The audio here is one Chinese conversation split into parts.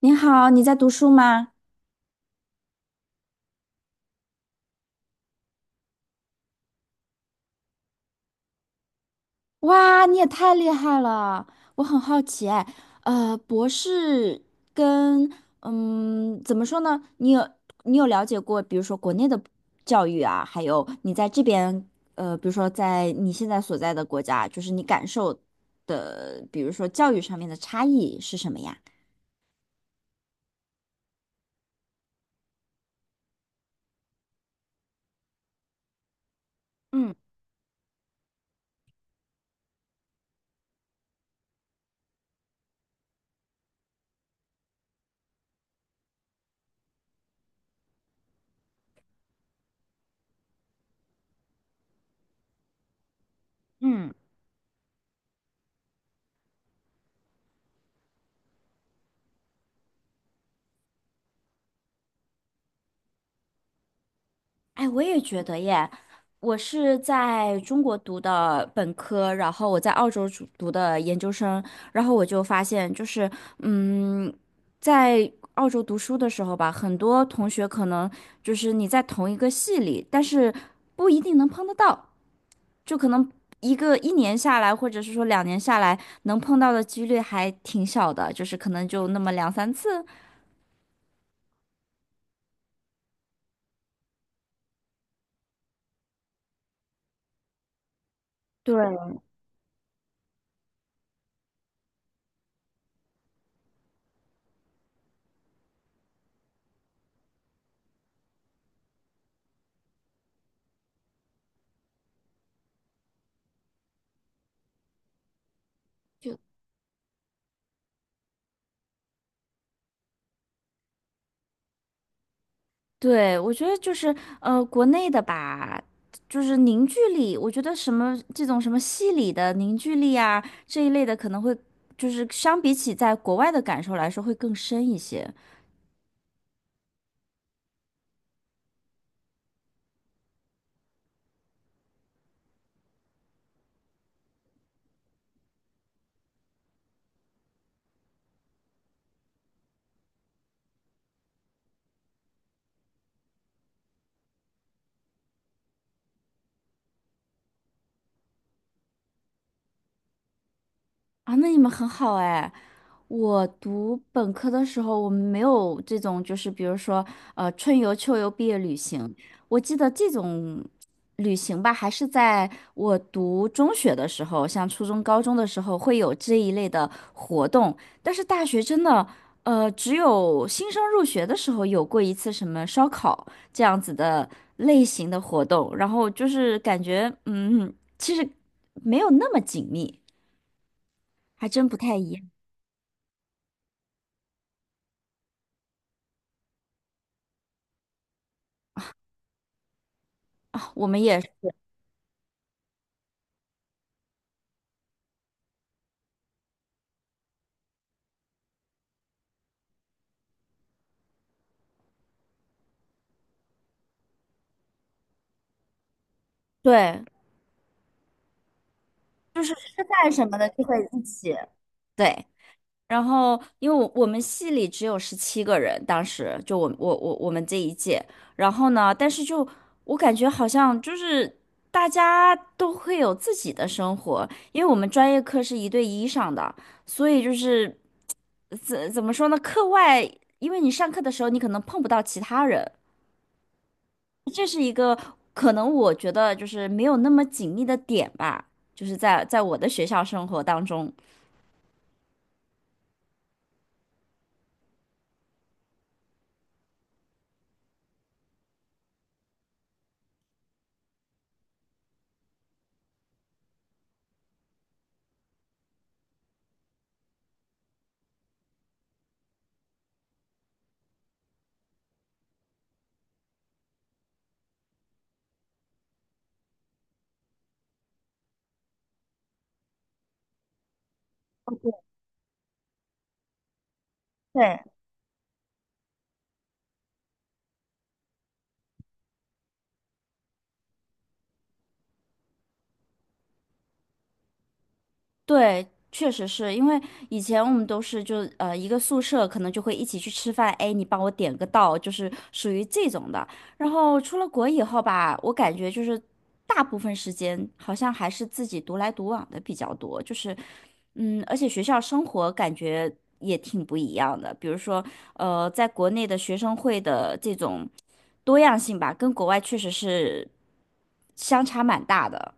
你好，你在读书吗？哇，你也太厉害了！我很好奇，哎，博士跟怎么说呢？你有了解过，比如说国内的教育啊，还有你在这边，比如说在你现在所在的国家，就是你感受的，比如说教育上面的差异是什么呀？嗯嗯，哎，我也觉得耶。我是在中国读的本科，然后我在澳洲读的研究生，然后我就发现，就是，嗯，在澳洲读书的时候吧，很多同学可能就是你在同一个系里，但是不一定能碰得到，就可能一年下来，或者是说2年下来，能碰到的几率还挺小的，就是可能就那么两三次。对。对，我觉得就是国内的吧，就是凝聚力，我觉得什么这种什么戏里的凝聚力啊这一类的，可能会就是相比起在国外的感受来说会更深一些啊。那你们很好哎、我读本科的时候，我们没有这种，就是比如说，春游、秋游、毕业旅行。我记得这种旅行吧，还是在我读中学的时候，像初中、高中的时候会有这一类的活动。但是大学真的，只有新生入学的时候有过一次什么烧烤这样子的类型的活动，然后就是感觉，其实没有那么紧密，还真不太一样。我们也对。吃饭什么的就会一起。对，然后因为我们系里只有17个人，当时就我们这一届，然后呢，但是就我感觉好像就是大家都会有自己的生活，因为我们专业课是一对一上的，所以就是怎么说呢，课外因为你上课的时候你可能碰不到其他人，这是一个可能我觉得就是没有那么紧密的点吧，就是在我的学校生活当中。对，对，确实是因为以前我们都是就一个宿舍，可能就会一起去吃饭，哎，你帮我点个到，就是属于这种的。然后出了国以后吧，我感觉就是大部分时间好像还是自己独来独往的比较多，就是而且学校生活感觉也挺不一样的。比如说在国内的学生会的这种多样性吧，跟国外确实是相差蛮大的。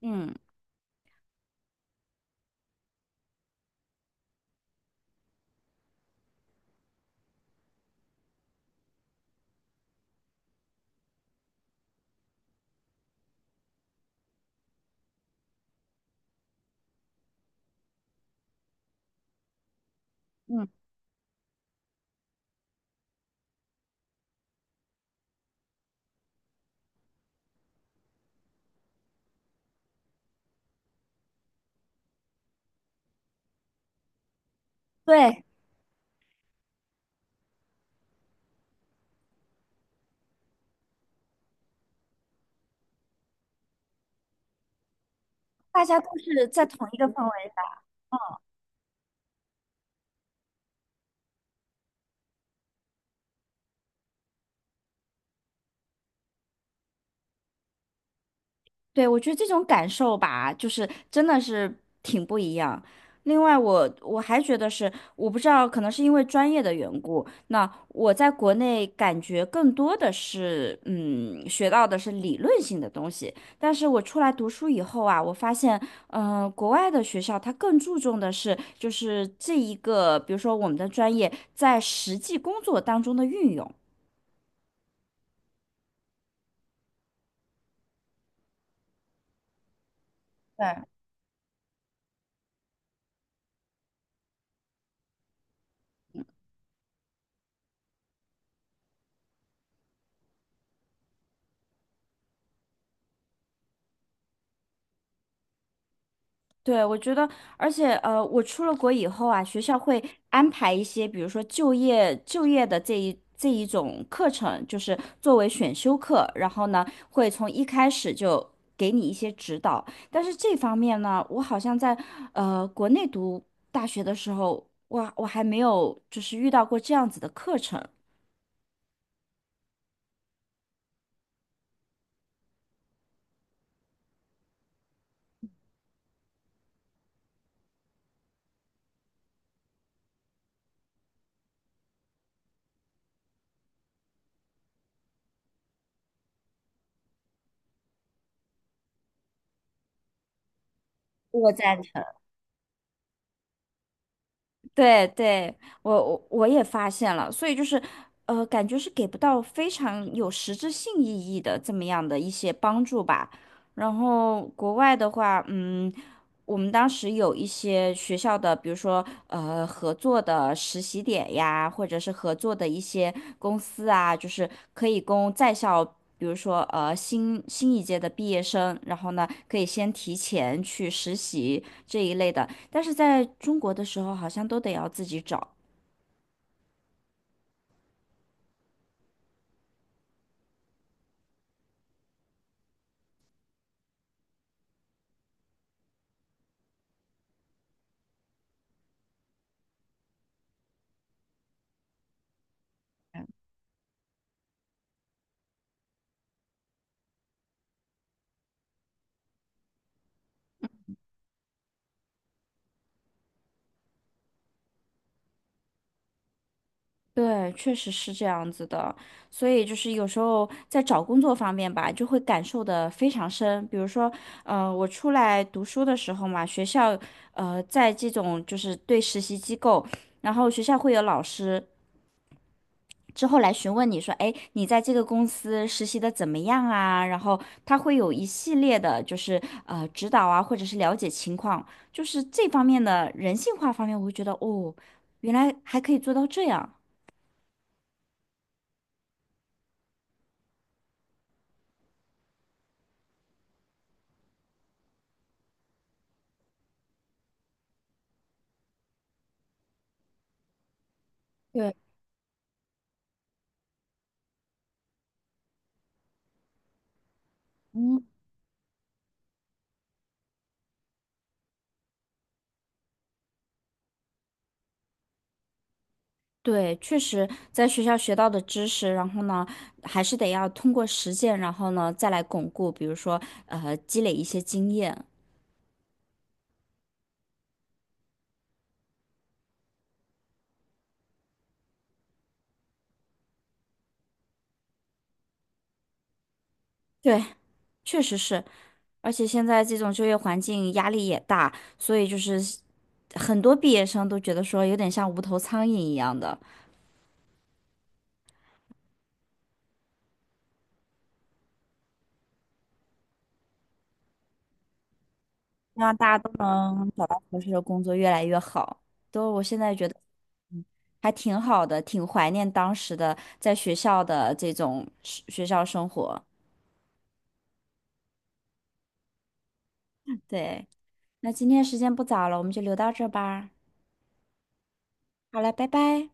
嗯嗯，对。大家都是在同一个氛围下，对，我觉得这种感受吧，就是真的是挺不一样。另外我还觉得是，我不知道，可能是因为专业的缘故，那我在国内感觉更多的是，学到的是理论性的东西。但是我出来读书以后啊，我发现，国外的学校它更注重的是，就是这一个，比如说我们的专业在实际工作当中的运用。对。对，我觉得，而且我出了国以后啊，学校会安排一些，比如说就业的这一种课程，就是作为选修课，然后呢，会从一开始就给你一些指导。但是这方面呢，我好像在国内读大学的时候，我还没有就是遇到过这样子的课程。我赞成。对对，我也发现了，所以就是，感觉是给不到非常有实质性意义的这么样的一些帮助吧。然后国外的话，我们当时有一些学校的，比如说合作的实习点呀，或者是合作的一些公司啊，就是可以供在校。比如说新一届的毕业生，然后呢可以先提前去实习这一类的，但是在中国的时候好像都得要自己找。对，确实是这样子的，所以就是有时候在找工作方面吧，就会感受的非常深。比如说，我出来读书的时候嘛，学校，在这种就是对实习机构，然后学校会有老师，之后来询问你说，哎，你在这个公司实习的怎么样啊？然后他会有一系列的，就是指导啊，或者是了解情况，就是这方面的人性化方面，我会觉得哦，原来还可以做到这样。对，嗯，对，确实在学校学到的知识，然后呢，还是得要通过实践，然后呢再来巩固，比如说积累一些经验。对，确实是，而且现在这种就业环境压力也大，所以就是很多毕业生都觉得说有点像无头苍蝇一样的，希望大家都能找到合适的工作，越来越好。都我现在觉得，嗯还挺好的，挺怀念当时的在学校的这种是学校生活。对，那今天时间不早了，我们就留到这儿吧。好了，拜拜。